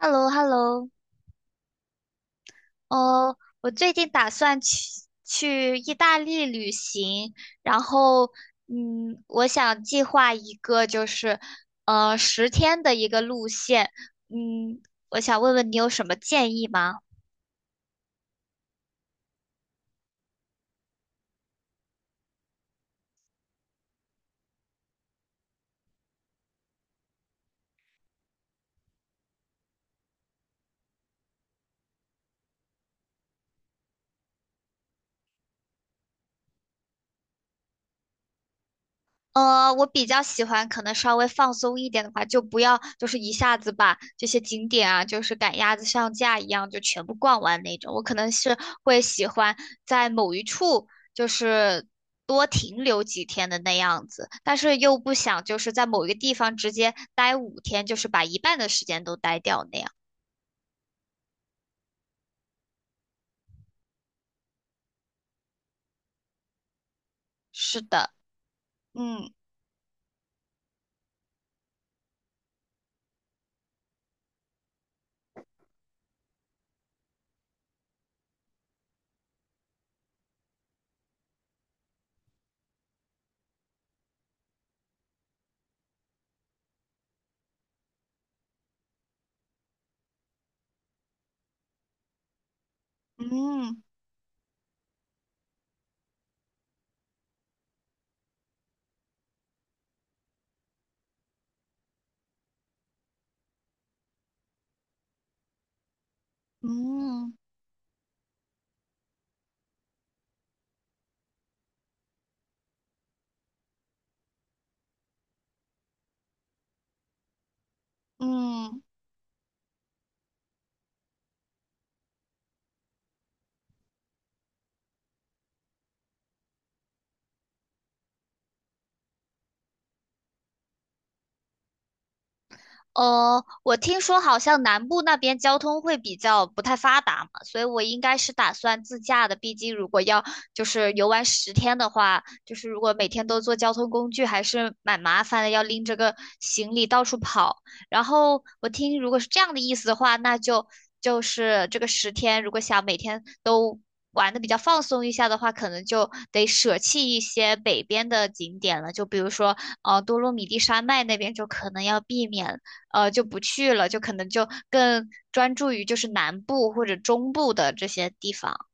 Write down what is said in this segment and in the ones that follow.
h e l l o h e l l o 哦，我最近打算去意大利旅行，然后，我想计划一个就是，十天的一个路线，嗯，我想问问你有什么建议吗？我比较喜欢可能稍微放松一点的话，就不要就是一下子把这些景点啊，就是赶鸭子上架一样就全部逛完那种。我可能是会喜欢在某一处就是多停留几天的那样子，但是又不想就是在某一个地方直接待5天，就是把一半的时间都待掉那样。是的，嗯嗯嗯嗯。哦，我听说好像南部那边交通会比较不太发达嘛，所以我应该是打算自驾的。毕竟如果要就是游玩十天的话，就是如果每天都坐交通工具，还是蛮麻烦的，要拎着个行李到处跑。然后我听如果是这样的意思的话，那就就是这个十天，如果想每天都玩的比较放松一下的话，可能就得舍弃一些北边的景点了，就比如说多洛米蒂山脉那边就可能要避免。就不去了，就可能就更专注于就是南部或者中部的这些地方。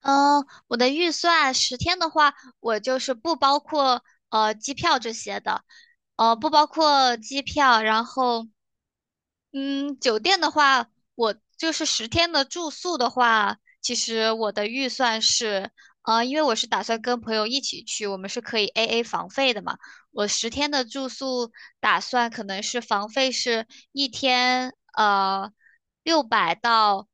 嗯，我的预算十天的话，我就是不包括机票这些的，不包括机票，然后嗯，酒店的话，我就是十天的住宿的话，其实我的预算是，因为我是打算跟朋友一起去，我们是可以 AA 房费的嘛。我十天的住宿打算可能是房费是一天，六百到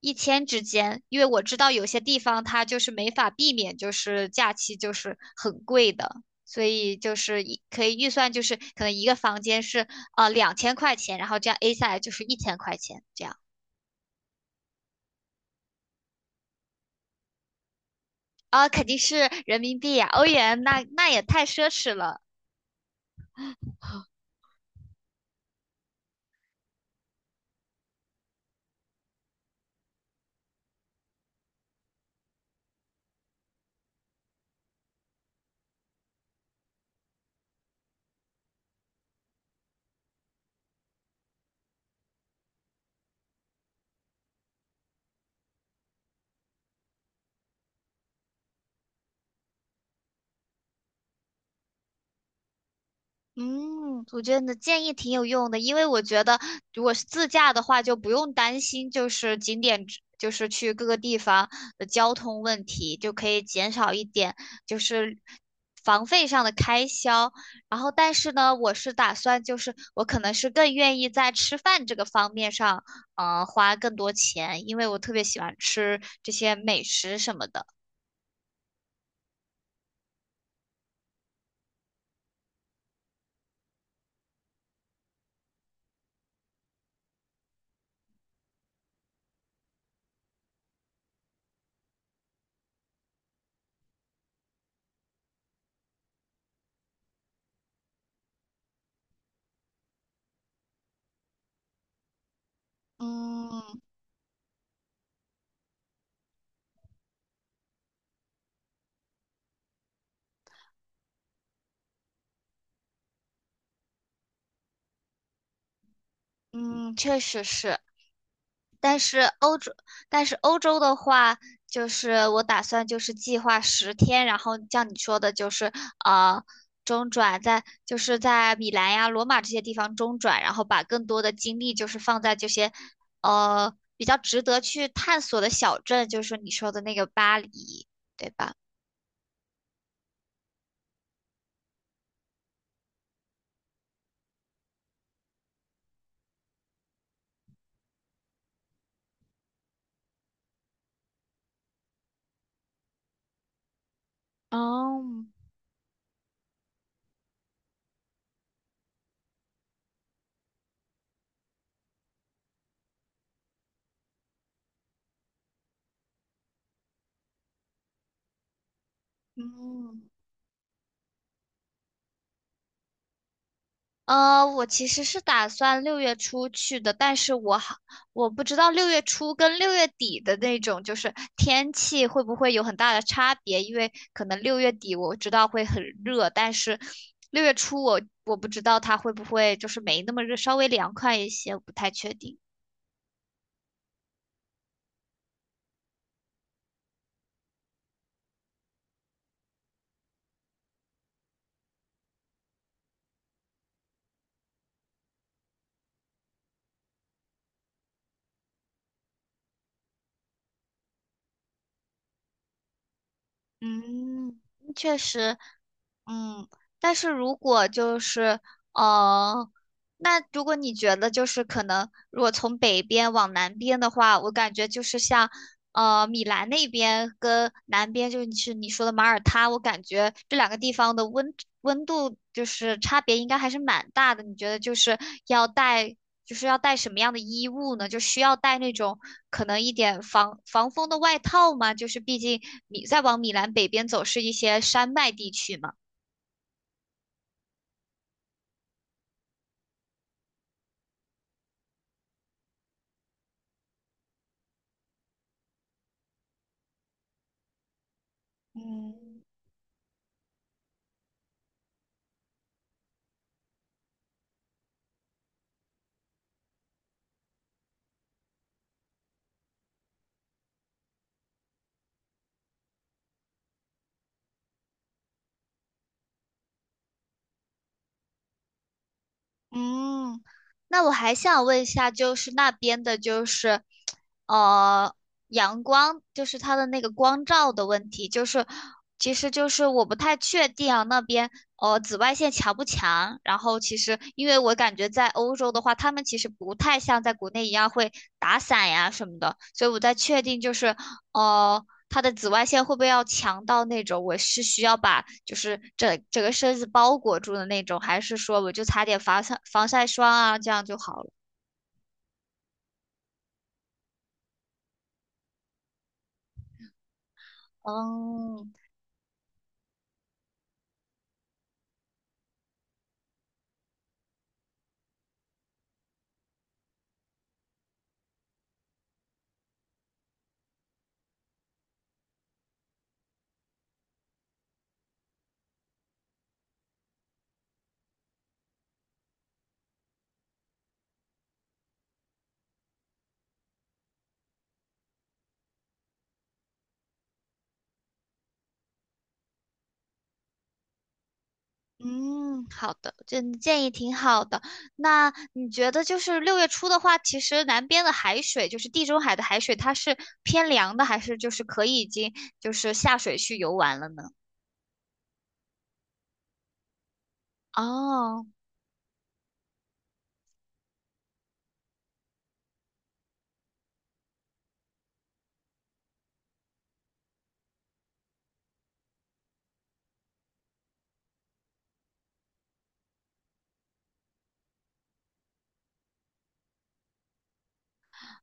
一千之间，因为我知道有些地方它就是没法避免，就是假期就是很贵的。所以就是可以预算就是可能一个房间是2000块钱，然后这样 A 下来就是1000块钱这样啊，肯定是人民币呀、欧元那也太奢侈了。嗯，我觉得你的建议挺有用的，因为我觉得如果是自驾的话，就不用担心就是景点之就是去各个地方的交通问题，就可以减少一点就是房费上的开销。然后，但是呢，我是打算就是我可能是更愿意在吃饭这个方面上，花更多钱，因为我特别喜欢吃这些美食什么的。嗯嗯，确实是。但是欧洲，但是欧洲的话，就是我打算就是计划十天，然后像你说的，就是呃中转在就是在米兰呀、罗马这些地方中转，然后把更多的精力就是放在这些比较值得去探索的小镇，就是你说的那个巴黎，对吧？哦，嗯。我其实是打算六月初去的，但是我好，我不知道六月初跟六月底的那种就是天气会不会有很大的差别，因为可能六月底我知道会很热，但是六月初我不知道它会不会就是没那么热，稍微凉快一些，我不太确定。嗯，确实，嗯，但是如果就是，呃，那如果你觉得就是可能，如果从北边往南边的话，我感觉就是像，米兰那边跟南边就是你说的马耳他，我感觉这两个地方的温度就是差别应该还是蛮大的。你觉得就是要带要带什么样的衣物呢？就需要带那种可能一点防风的外套吗？就是毕竟再往米兰北边走是一些山脉地区嘛。嗯，嗯，那我还想问一下，就是那边的，就是呃，阳光，就是它的那个光照的问题，就是其实就是我不太确定啊，那边紫外线强不强？然后其实因为我感觉在欧洲的话，他们其实不太像在国内一样会打伞呀什么的，所以我在确定就是呃它的紫外线会不会要强到那种我是需要把就是整整个身子包裹住的那种，还是说我就擦点防晒霜啊，这样就好了？哦，嗯，好的，这你建议挺好的。那你觉得就是六月初的话，其实南边的海水，就是地中海的海水，它是偏凉的，还是就是可以已经就是下水去游玩了呢？哦。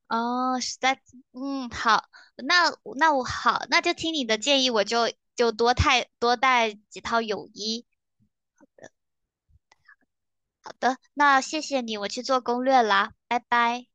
哦，实在，嗯，好，那那那就听你的建议，我就太多带几套泳衣。好的，那谢谢你，我去做攻略啦，拜拜。